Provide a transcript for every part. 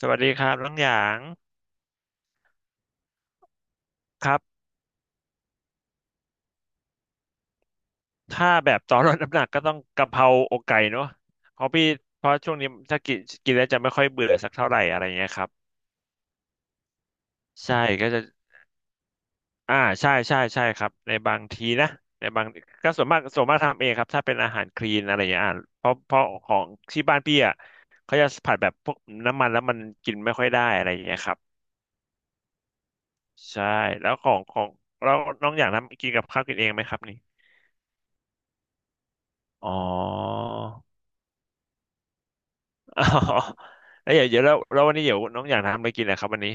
สวัสดีครับน้องหยางครับถ้าแบบตอนลดน้ำหนักก็ต้องกะเพราอกไก่เนาะเพราะพี่เพราะช่วงนี้ถ้ากินกินแล้วจะไม่ค่อยเบื่อสักเท่าไหร่อะไรเงี้ยครับใช่ก็จะอ่าใช่ใช่ใช่ครับในบางทีนะในบางก็ส่วนมากทำเองครับถ้าเป็นอาหารคลีนอะไรอย่างเงี้ยอ่าเพราะของที่บ้านพี่อ่ะเขาจะผัดแบบพวกน้ำมันแล้วมันกินไม่ค่อยได้อะไรอย่างเงี้ยครับใช่แล้วของแล้วน้องหยางทำกินกับข้าวกินเองไหมครับนี่อ๋อ อ๋อแล้วเดี๋ยวแล้วแล้ววันนี้เดี๋ยวน้องอยากทำอะไรกินนะครับวันนี้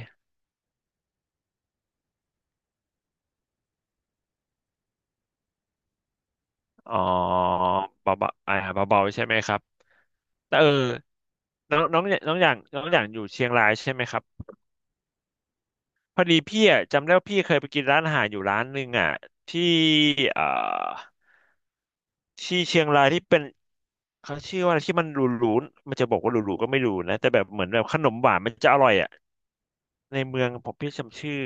อ๋อเบาๆอ่าเบาๆใช่ไหมครับแต่เออน้องน้องน้องอย่างน้องอย่างอยู่เชียงรายใช่ไหมครับพอดีพี่อ่ะจำได้ว่าพี่เคยไปกินร้านอาหารอยู่ร้านหนึ่งอ่ะที่เอ่อที่เชียงรายที่เป็นเขาชื่อว่าอะไรที่มันหรูๆมันจะบอกว่าหรูๆก็ไม่หรูนะแต่แบบเหมือนแบบขนมหวานมันจะอร่อยอ่ะในเมืองผมพี่จำชื่อ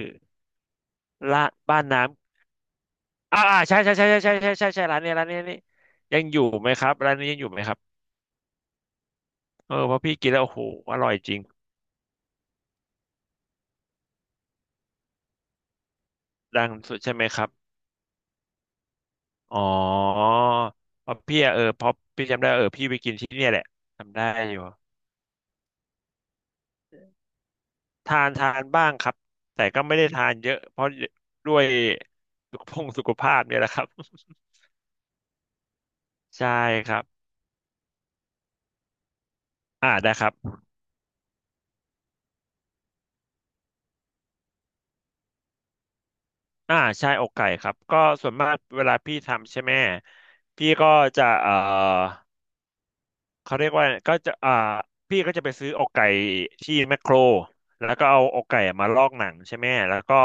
ร้านบ้านน้ำ อ่าอ่าใช่ใช่ใช่ใช่ใช่ใช่ใช่ใช่ร้านนี้นี่ยังอยู่ไหมครับร้านนี้ยังอยู่ไหมครับเออเพราะพี่กินแล้วโอ้โหอร่อยจริงดังสุดใช่ไหมครับอ๋อเพราะพี่อะเออเพราะพี่จำได้เออพี่ไปกินที่เนี่ยแหละจำได้อยู่ทานทานบ้างครับแต่ก็ไม่ได้ทานเยอะเพราะด้วยสุขภงสุขภาพเนี่ยแหละครับใช่ครับอ่าได้ครับอ่าใช่อกไก่ครับก็ส่วนมากเวลาพี่ทำใช่ไหมพี่ก็จะเขาเรียกว่าก็จะพี่ก็จะไปซื้ออกไก่ที่แมคโครแล้วก็เอาอกไก่มาลอกหนังใช่ไหมแล้วก็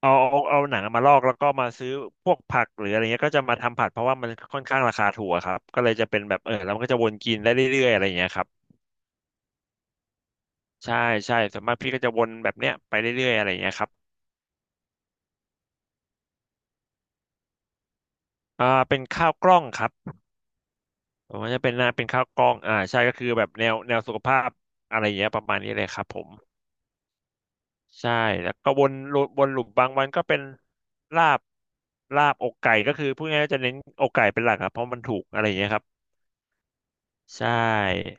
เอาหนังมาลอกแล้วก็มาซื้อพวกผักหรืออะไรเงี้ยก็จะมาทำผัดเพราะว่ามันค่อนข้างราคาถูกอะครับก็เลยจะเป็นแบบเออแล้วมันก็จะวนกินได้เรื่อยๆอะไรเงี้ยครับใช่ใช่ส่วนมากพี่ก็จะวนแบบเนี้ยไปเรื่อยๆอะไรเงี้ยครับอ่าเป็นข้าวกล้องครับผมว่าจะเป็นหน้าเป็นข้าวกล้องอ่าใช่ก็คือแบบแนวสุขภาพอะไรเงี้ยประมาณนี้เลยครับผม ใช่แล้วก็วนลูวนหลุมบางวันก็เป็นลาบลาบอกไก่ก็คือพูดง่ายๆจะเน้นอกไก่เป็นหลักครับเพราะมันถูกอะไรอย่างเงี้ยครับใช่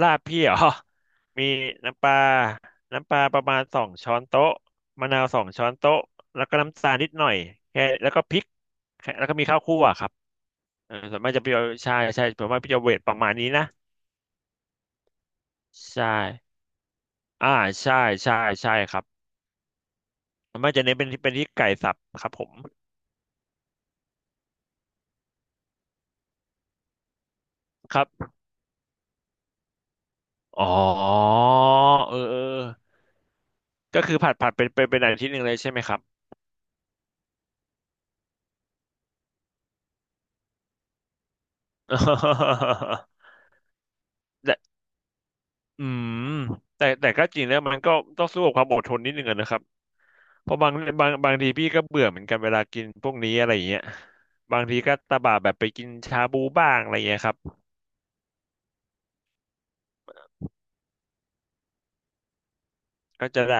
ลาบพี่เหรอ มีน้ำปลาน้ำปลาประมาณสองช้อนโต๊ะมะนาวสองช้อนโต๊ะแล้วก็น้ำตาลนิดหน่อยแค่แล้วก็พริกแค่แล้วก็มีข้าวคั่วครับเออส่วนมากจะพี่เอาใช่ใช่ผมว่าพี่จะเวทประมาณนี้นะใช่อ่าใช่ใช่ใช่ครับส่วนมากจะเน้นเป็นที่ไก่สับครับผมครับ อ๋อเออเออก็คือผัดผัดเป็นเป็นอาทิตย์หนึ่งเลยใช่ไหมครับ แต่อืมแต่แต่ก็จริงแล้วมันก็ต้องสู้กับความอดทนนิดนึงอะนะครับเพราะบางบางทีพี่ก็เบื่อเหมือนกันเวลากินพวกนี้อะไรอย่างเงี้ยบางทีก็ตะบะแบบไปกินชาบูบ้างอะไรอย่างเงี้ยครับก็จะได้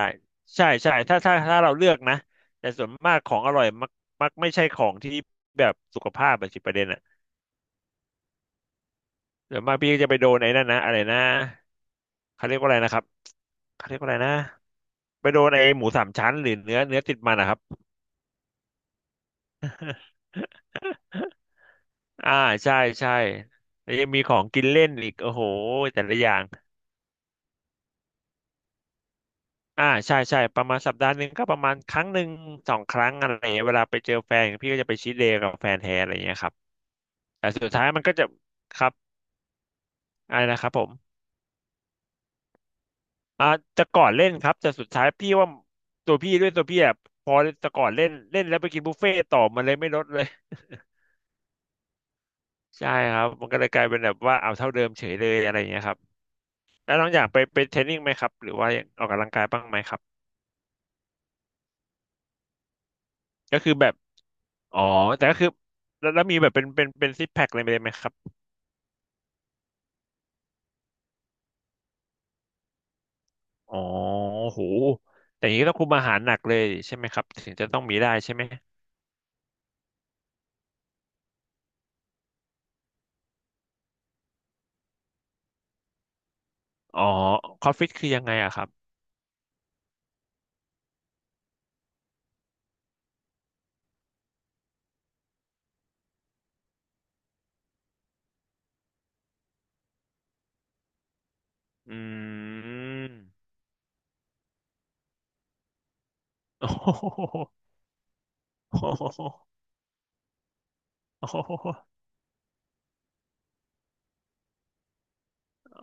ใช่ใช่ถ้าเราเลือกนะแต่ส่วนมากของอร่อยมักไม่ใช่ของที่แบบสุขภาพอะสิประเด็นอะ เดี๋ยวมากพี่ก็จะไปโดนไอ้นั่นนะอะไรนะเขาเรียกว่าอะไรนะครับเขาเรียกว่าอะไรนะไปโดนไอ้หมูสามชั้นหรือเนื้อติดมันนะครับ อ่าใช่ใช่แล้วยังมีของกินเล่นอีกโอ้โหแต่ละอย่างอ่าใช่ใช่ประมาณสัปดาห์หนึ่งก็ประมาณครั้งหนึ่ง2 ครั้งอะไรอย่างเงี้ยเวลาไปเจอแฟนพี่ก็จะไปชีทเดย์กับแฟนแท้อะไรอย่างเงี้ยครับแต่สุดท้ายมันก็จะครับอะไรนะครับผม อ่าจะก่อนเล่นครับแต่สุดท้ายพี่ว่าตัวพี่ด้วยตัวพี่อะพอจะก่อนเล่นเล่นแล้วไปกินบุฟเฟ่ต์ต่อมันเลยไม่ลดเลย ใช่ครับมันก็เลยกลายเป็นแบบว่าเอาเท่าเดิมเฉยเลยอะไรอย่างเงี้ยครับแล้วน้องอยากไปเทรนนิ่งไหมครับหรือว่ายังออกกำลังกายบ้างไหมครับก็คือแบบอ๋อแต่ก็คือแล้วมีแบบเป็นซิกแพคอะไรไปเลยไหมครับอ๋อโหแต่อย่างนี้ต้องคุมอาหารหนักเลยใช่ไหมครับถึงจะต้องมีได้ใช่ไหมอ๋อคอฟฟิตคือยังไงอะครับอืม โอ้โห โอ้โห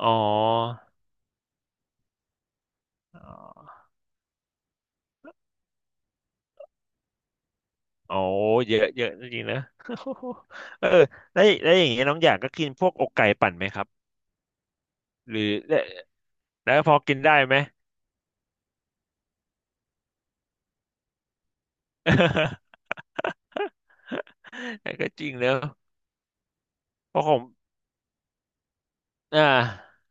อ๋ออ๋อโอ้เยอะเยอะจริงๆนะ เออแล้วอย่างเงี้ยน้องอยากก็กินพวกอกไก่ปั่นไหมครับ หรือแล้วแล้วพอกินได้ไหม แต่ ก็จริงเนอะเพราะผมอ่า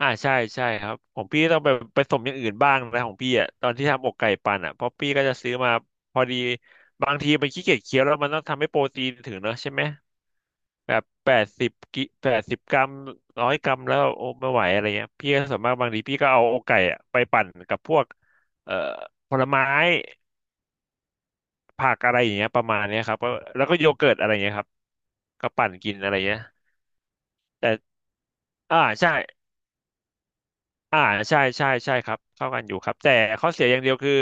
อ่าใช่ใช่ครับของพี่ต้องไปไปสมอย่างอื่นบ้างนะของพี่อ่ะตอนที่ทำอกไก่ปั่นอ่ะเพราะพี่ก็จะซื้อมา พอดี บางทีมันขี้เกียจเคี้ยวแล้วมันต้องทำให้โปรตีนถึงเนอะใช่ไหม แบบ80 กรัม100 กรัมแล้วโอ้ไม่ไหวอะไรเงี้ยพี่ก็ส่วนมากบางทีพี่ก็เอาอกไก่อะไปปั่นกับพวกเอ่อผลไม้ผักอะไรอย่างเงี้ยประมาณเนี้ยครับก็แล้วก็โยเกิร์ตอะไรเงี้ยครับก็ปั่นกินอะไรเงี้ยแต่อ่าใช่อ่าใช่ใช่ใช่ครับเข้ากันอยู่ครับแต่ข้อเสียอย่างเดียวคือ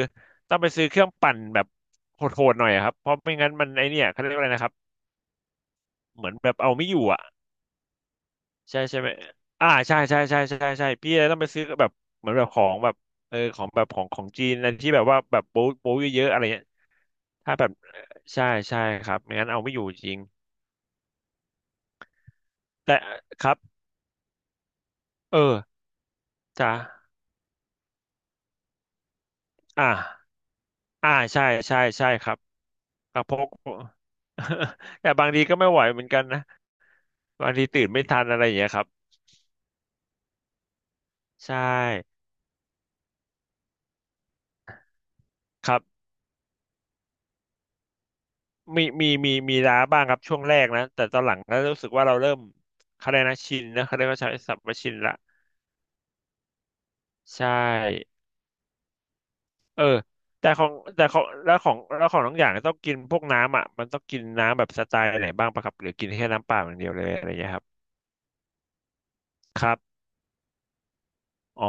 ต้องไปซื้อเครื่องปั่นแบบโหดๆหน่อยอะครับเพราะไม่งั้นมันไอเนี่ยเขาเรียกว่าอะไรนะครับเหมือนแบบเอาไม่อยู่อ่ะ ใช่ใช่ไหมอ่าใช่ใช่ใช่ใช่ใช่ใช่พี่เลยต้องไปซื้อแบบเหมือนแบบของแบบเออของแบบของของจีนนั่นที่แบบว่าแบบโป๊ะโป๊ะเยอะๆอะไรเงี้ยถ้าแบบใช่ใช่ครับไม่งั้นเอาไม่อยู่จริงแต่ครับเออจ้าอ่าอ่าใช่ใช่ใช่ครับกระเพก แต่บางทีก็ไม่ไหวเหมือนกันนะบางทีตื่นไม่ทันอะไรอย่างเงี้ยครับใช่ครับมีล้าบ้างครับช่วงแรกนะแต่ตอนหลังก็รู้สึกว่าเราเริ่มเขาเรียกนะชินนะเขาเรียกว่าใช้ศัพท์ว่าชินละ ใช่เออแต่ของแต่ของแล้วของแล้วของน้องอย่างต้องกินพวกน้ำอ่ะมันต้องกินน้ำแบบสไตล์ไหนบ้างปะครับหรือกินแค่น้ำเปล่าอย่างเดียวเลยอะไรอย่างเงี้ยครับครับอ๋อ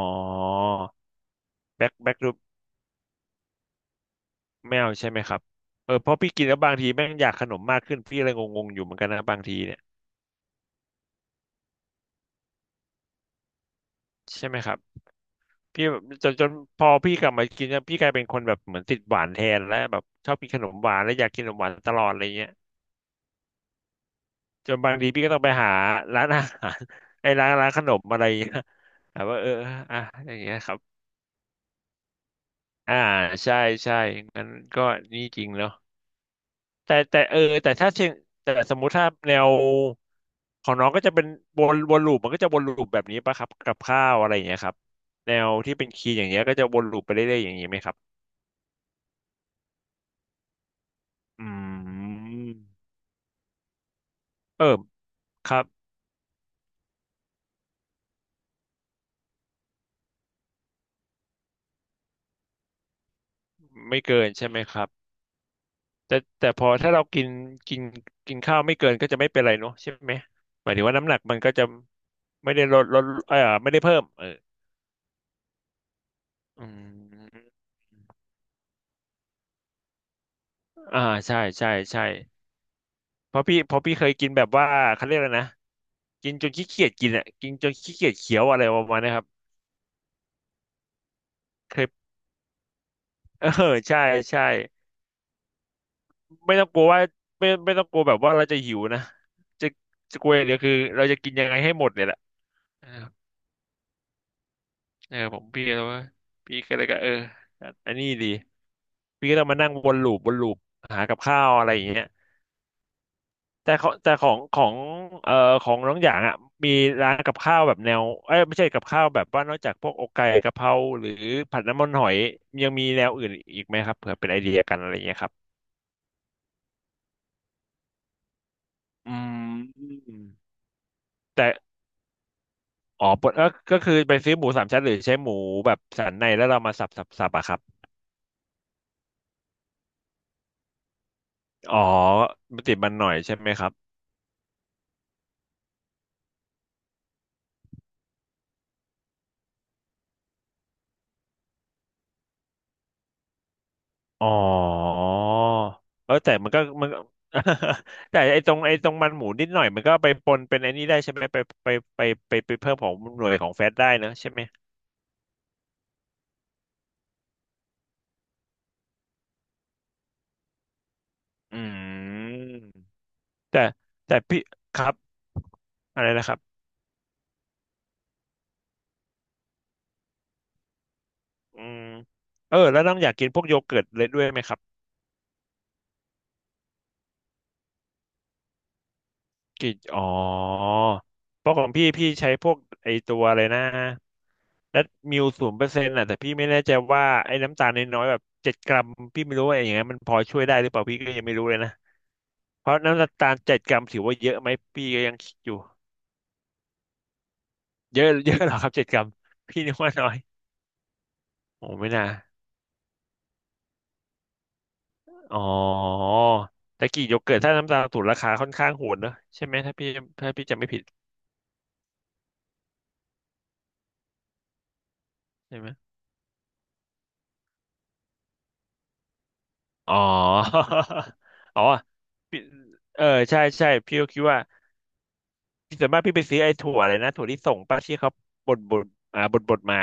แบ็คแบ็ครูปไม่เอาใช่ไหมครับเออเพราะพี่กินแล้วบางทีแม่งอยากขนมมากขึ้นพี่เลยงงๆอยู่เหมือนกันนะบางทีเนี่ยใช่ไหมครับพี่แบบจนพอพี่กลับมากินเนี่ยพี่กลายเป็นคนแบบเหมือนติดหวานแทนแล้วแบบชอบกินขนมหวานแล้วอยากกินขนมหวานตลอดอะไรเงี้ย จนบางทีพี่ก็ต้องไปหาร้านอาหาร ไอ้ร้านร้านขนมอะไรอย่างเงี้ย แบบว่าเอออ่ะอย่างเงี้ยครับอ่าใช่ใช่งั้นก็นี่จริงเนาะแต่แต่เออแต่ถ้าเชิงแต่สมมุติถ้าแนวของน้องก็จะเป็นวนลูปมันก็จะวนลูปแบบนี้ป่ะครับกับข้าวอะไรอย่างเงี้ยครับแนวที่เป็นคีย์อย่างเงี้ยก็จะวนลูปไปเรื่อยๆอย่างนี้ไหมครับอืมเออครับไม่เกินใช่ไหมครับ แต่แต่พอถ้าเรากินกินกินข้าวไม่เกินก็จะไม่เป็นไรเนาะใช่ไหมหมายถึงว่าน้ำหนักมันก็จะไม่ได้ลดลดเออไม่ได้เพิ่มเอออืมอ่าใช่ใช่ใช่เพราะพี่เพราะพี่เคยกินแบบว่าเขาเรียกอะไรนะกินจนขี้เกียจกินอ่ะกินจนขี้เกียจเคี้ยวอะไรประมาณเนี้ครับเคย เออใช่ใช่ไม่ต้องกลัวว่าไม่ต้องกลัวแบบว่าเราจะหิวนะจะจะกลัวอย่างเดียวคือเราจะกินยังไงให้หมดเนี่ยแหละเออเออผมพี่ก็เลยว่าพี่ก็เลยก็เอออันนี้ดี พี่ก็ต้องมานั่งวนลูปวนลูปหากับข้าวอะไรอย่างเงี้ยแต่เขาแต่ของของเอ่อของน้องอยางอ่ะมีร้านกับข้าวแบบแนวเอ้ยไม่ใช่กับข้าวแบบว่านอกจากพวกอกไก่กะเพราหรือผัดน้ำมันหอยยังมีแนวอื่นอีกไหมครับเผื่อเป็นไอเดียกันอะไรอย่างเงี้ยครับอืมแต่อ๋อปกก็ก็คือไปซื้อหมูสามชั้นหรือใช้หมูแบบสันในแล้วเรามาสับอะครับอ๋อมันติดมันหน่อยใช่ไหมครับ อ๋อเออแต่มันก็มันก็ แต่ไอ้ตรงไอ้ตรงมันหมูนิดหน่อยมันก็ไปปนเป็นไอ้นี่ได้ใช่ไหมไปไปไปเพิ่มของหน่วยของแฟตได้นะใช่ไหมอืมแต่แต่พี่ครับอะไรนะครับอืมเออแล้วน้องอยากกินพวกโยเกิร์ตเลยด้วยไหมครับกินอ๋อเพราะของพี่พี่ใช้พวกไอตัวอะไรนะ แล้วมิว0%ะแต่พี่ไม่แน่ใจว่าไอ้น้ำตาลน้อยๆแบบเจ็ดกรัมพี่ไม่รู้ว่าอย่างเงี้ยมันพอช่วยได้หรือเปล่าพี่ก็ยังไม่รู้เลยนะเพราะน้ำตาลเจ็ดกรัมถือว่าเยอะไหมพี่ก็ยังคิดอยู่เยอะ เยอะเหรอครับ7 กรัมพี่นึกว่าน้อยโอ้ไม่น่าอ๋อแต่กี่โยเกิร์ตถ้าน้ำตาลถูกราคาค่อนข้างโหดเนอะใช่ไหมถ้าพี่ถ้าพี่จำไม่ผิดใช่ไหมอ๋อ อ๋อพี่เออใช่ใช่พี่ก็คิดว่าส่วนมากพี่ไปซื้อไอ้ถั่วอะไรนะถั่วที่ส่งป้าที่เขาบดอ่าบดมา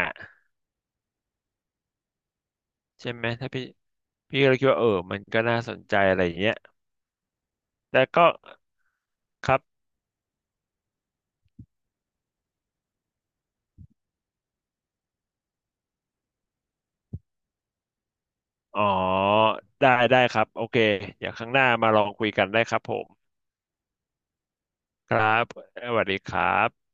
ใช่ไหมถ้าพี่พี่ก็เลยคิดว่าเออมันก็น่าสนใจอะไรอย่างเงี้ยแต่ก็ครับอ๋อได้ได้ครับโอเคเดี๋ยวครั้งหน้ามาลองคุยกันได้ครับผมครับสวัสดีครับ